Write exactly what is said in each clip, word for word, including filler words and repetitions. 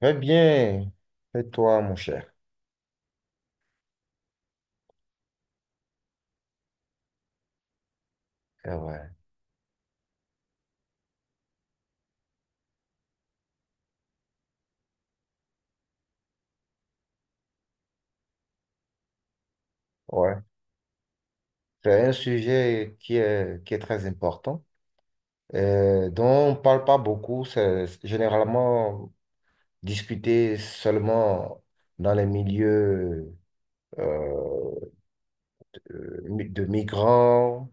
Très bien. Et toi, mon cher. Eh, ouais. Ouais. C'est un sujet qui est, qui est très important, euh, dont on ne parle pas beaucoup. C'est généralement discuté seulement dans les milieux euh, mi- de migrants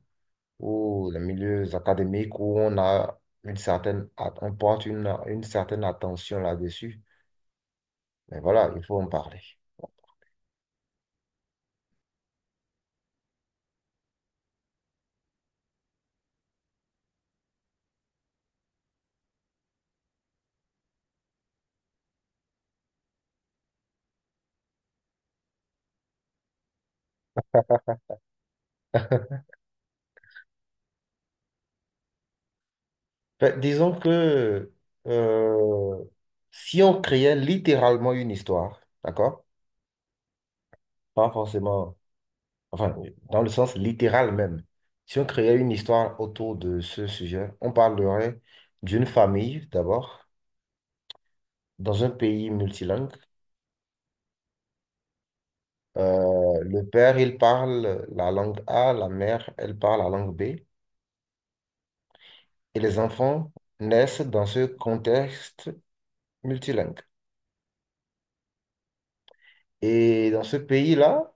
ou les milieux académiques où on a une certaine, at- on porte une, une certaine attention là-dessus. Mais voilà, il faut en parler. Ben, disons que euh, si on créait littéralement une histoire, d'accord? Pas forcément. Enfin, dans le sens littéral même. Si on créait une histoire autour de ce sujet, on parlerait d'une famille d'abord, dans un pays multilingue. Euh, le père, il parle la langue A, la mère, elle parle la langue B, et les enfants naissent dans ce contexte multilingue. Et dans ce pays-là,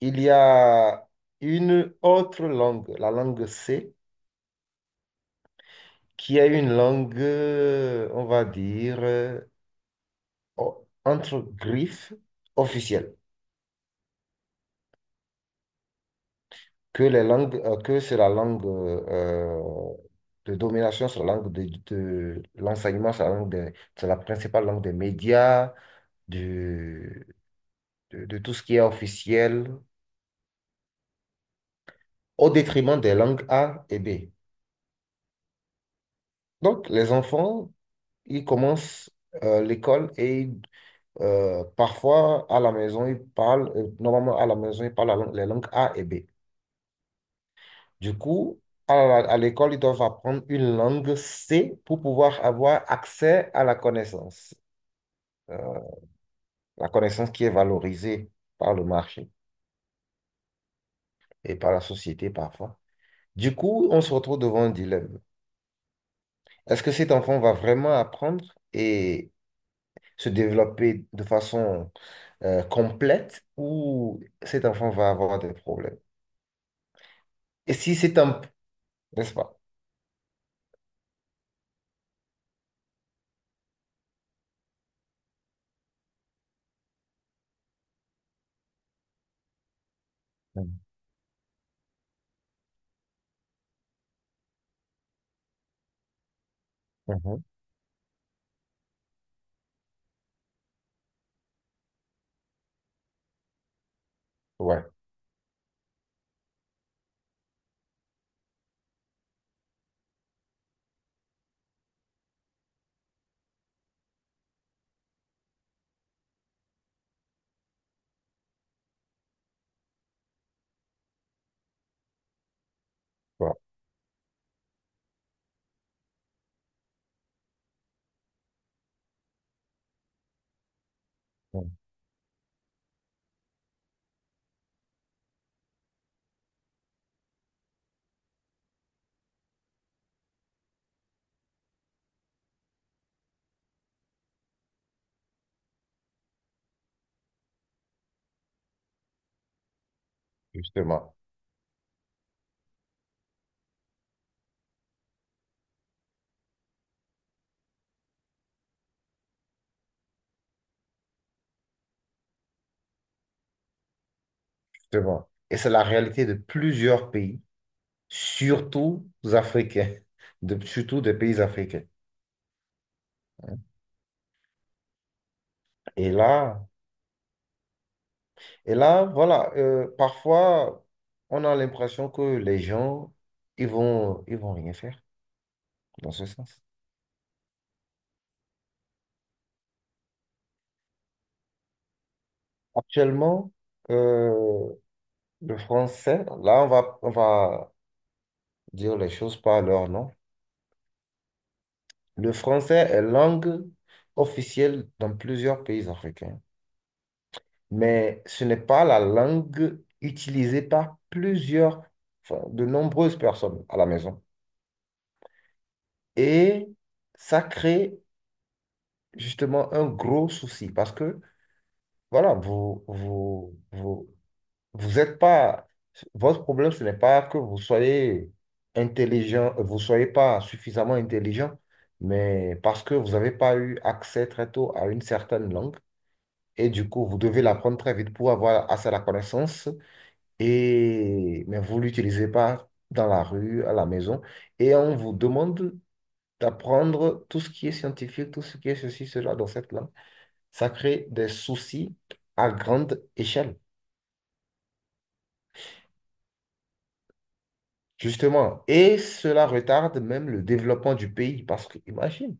il y a une autre langue, la langue C, qui est une langue, euh, on va dire, euh, o- entre griffes officielles, que les langues, euh, que c'est la langue euh, euh, de domination, c'est la langue de, de l'enseignement, c'est la langue des- c'est la principale langue des médias, du- de, de tout ce qui est officiel, au détriment des langues A et B. Donc, les enfants, ils commencent euh, l'école et ils euh, parfois, à la maison, ils parlent, euh, normalement à la maison, ils parlent la langue- les langues A et B. Du coup, à, la- à l'école, ils doivent apprendre une langue C pour pouvoir avoir accès à la connaissance. Euh, la connaissance qui est valorisée par le marché et par la société parfois. Du coup, on se retrouve devant un dilemme. Est-ce que cet enfant va vraiment apprendre et se développer de façon euh, complète ou cet enfant va avoir des problèmes? Et si c'est un... N'est-ce pas? Mhm. Mhm. Ouais, ouais. Mhm. Justement, justement. Et c'est la réalité de plusieurs pays surtout africains, de- surtout des pays africains. Et là, et là, voilà, euh, parfois, on a l'impression que les gens, ils vont, ils vont rien faire dans ce sens. Actuellement, euh, le français, là, on va, on va dire les choses par leur nom. Le français est langue officielle dans plusieurs pays africains, mais ce n'est pas la langue utilisée par plusieurs, enfin, de nombreuses personnes à la maison. Et ça crée justement un gros souci parce que, voilà, vous, vous, vous, vous êtes pas, votre problème, ce n'est pas que vous soyez intelligent, euh, vous soyez pas suffisamment intelligent, mais parce que vous n'avez pas eu accès très tôt à une certaine langue. Et du coup, vous devez l'apprendre très vite pour avoir assez la connaissance. Et, mais vous ne l'utilisez pas dans la rue, à la maison. Et on vous demande d'apprendre tout ce qui est scientifique, tout ce qui est ceci, cela dans cette langue, ça crée des soucis à grande échelle, justement. Et cela retarde même le développement du pays parce que, imagine,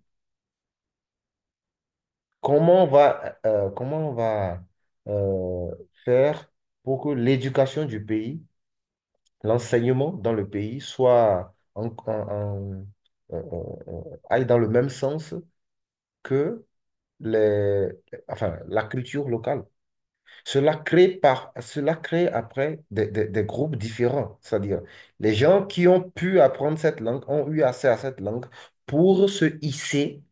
comment on va, euh, euh, comment on va euh, faire pour que l'éducation du pays, l'enseignement dans le pays soit en, en- en- euh, euh, euh, aille dans le même sens que les, enfin, la culture locale. Cela crée, par, cela crée après des, des- des groupes différents, c'est-à-dire les gens qui ont pu apprendre cette langue ont eu accès à cette langue pour se hisser,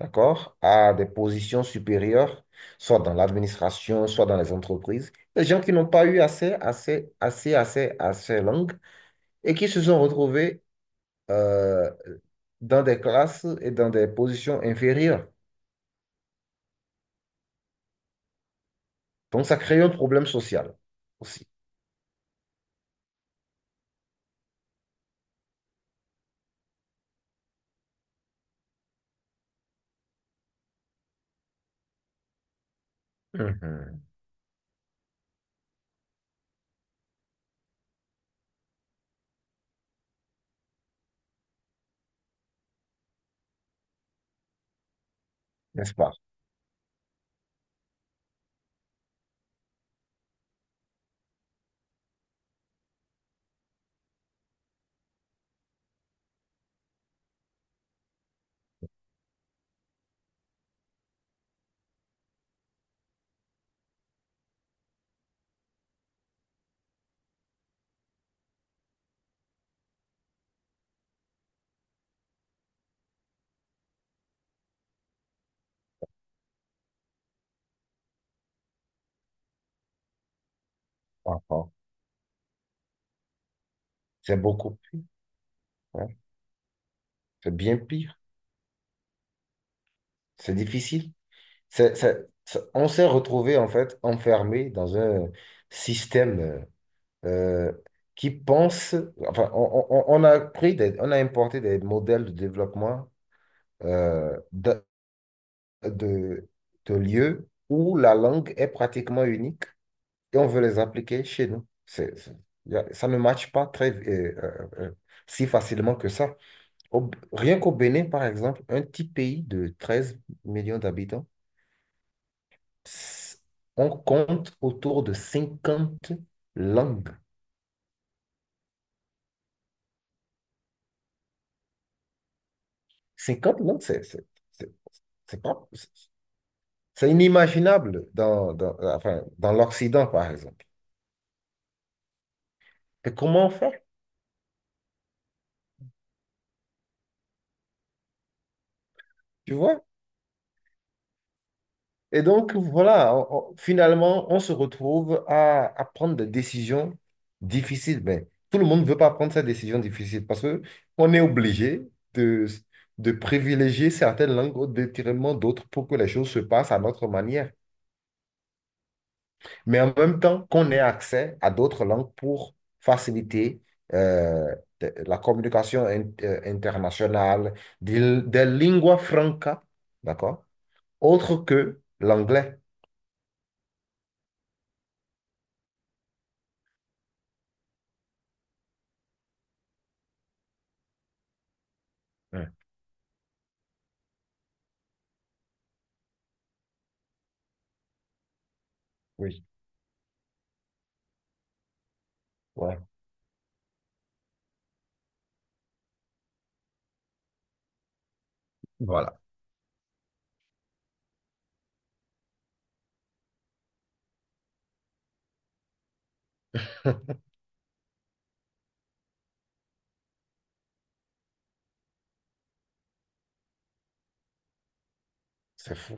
d'accord, à des positions supérieures, soit dans l'administration, soit dans les entreprises. Les gens qui n'ont pas eu accès à ces, à ces- à ces- à ces langues et qui se sont retrouvés euh, dans des classes et dans des positions inférieures. Donc ça crée un problème social aussi. Mhm. N'est-ce pas? C'est beaucoup pire. Ouais. C'est bien pire. C'est difficile. C'est- c'est- c'est- on s'est retrouvé en fait enfermé dans un système euh, qui pense. Enfin, on, on- on a pris des- on a importé des modèles de développement euh, de, de, de lieux où la langue est pratiquement unique et on veut les appliquer chez nous. C'est, c'est- y a- ça ne matche pas très euh, euh, euh, si facilement que ça. Au- rien qu'au Bénin, par exemple, un petit pays de treize millions d'habitants, s- on compte autour de cinquante langues. Cinquante langues, c'est c'est- c'est- c'est pas, c'est c'est inimaginable dans, dans, enfin, dans l'Occident, par exemple. Mais comment faire? Tu vois? Et donc, voilà, on- on- finalement, on se retrouve à, à prendre des décisions difficiles. Mais tout le monde ne veut pas prendre cette décision difficile parce qu'on est obligé de, de privilégier certaines langues au détriment d'autres pour que les choses se passent à notre manière. Mais en même temps, qu'on ait accès à d'autres langues pour faciliter euh, de- la communication in- euh, internationale, des, des lingua franca, d'accord? Autre que l'anglais. Ouais. Oui. Ouais. Voilà. C'est fou.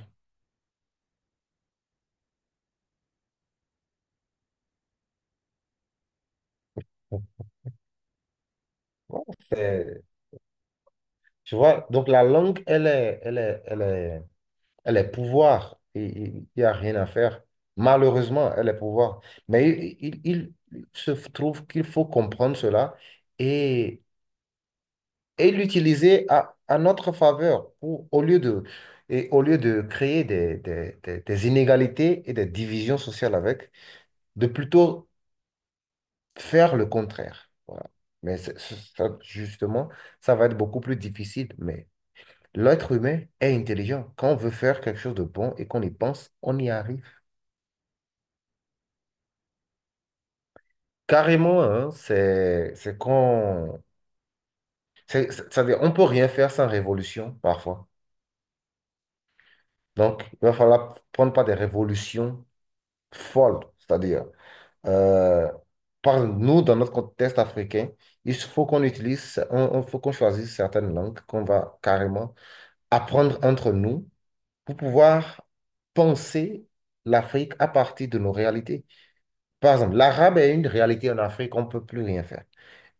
Bon, c'est- Tu vois, donc la langue, elle est, elle est, elle est, elle est pouvoir. Et il n'y a rien à faire. Malheureusement, elle est pouvoir. Mais il, il- il se trouve qu'il faut comprendre cela et, et l'utiliser à, à notre faveur pour, au lieu de, et au lieu de créer des, des, des- des inégalités et des divisions sociales avec, de plutôt faire le contraire. Voilà. Mais c'est- c'est- ça, justement, ça va être beaucoup plus difficile. Mais l'être humain est intelligent. Quand on veut faire quelque chose de bon et qu'on y pense, on y arrive. Carrément, hein, c'est, c'est qu'on... c'est- c'est- Ça veut dire, on peut rien faire sans révolution, parfois. Donc, il va falloir prendre pas des révolutions folles. C'est-à-dire, euh, par nous, dans notre contexte africain, il faut qu'on utilise, on, on- faut qu'on choisisse certaines langues qu'on va carrément apprendre entre nous pour pouvoir penser l'Afrique à partir de nos réalités. Par exemple, l'arabe est une réalité en Afrique, on ne peut plus rien faire.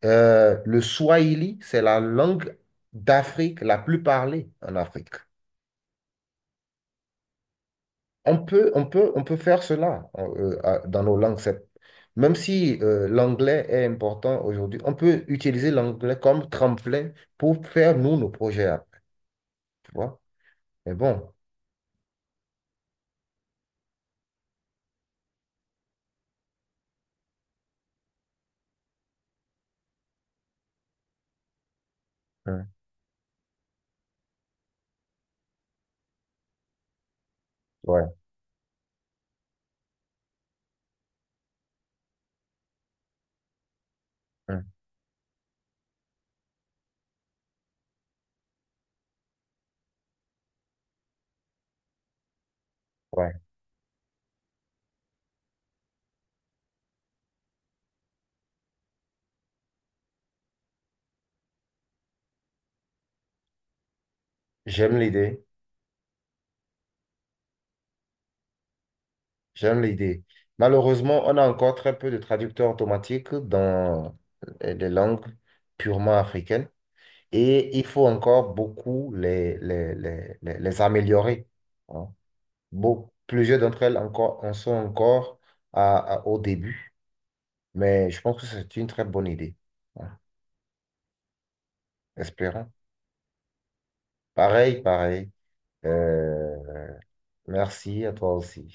Euh, le swahili, c'est la langue d'Afrique la plus parlée en Afrique. On peut, on peut, on peut faire cela euh, euh, dans nos langues. C'est- Même si euh, l'anglais est important aujourd'hui, on peut utiliser l'anglais comme tremplin pour faire, nous, nos projets après, tu vois? Mais bon, hein, ouais, hein, ouais. J'aime l'idée. J'aime l'idée. Malheureusement, on a encore très peu de traducteurs automatiques dans euh, les langues purement africaines et il faut encore beaucoup les, les, les, les- les améliorer. Hein. Beau- plusieurs d'entre elles encore, en sont encore à, à- au début, mais je pense que c'est une très bonne idée. Hein. Espérons. Pareil, pareil. Euh, Merci à toi aussi.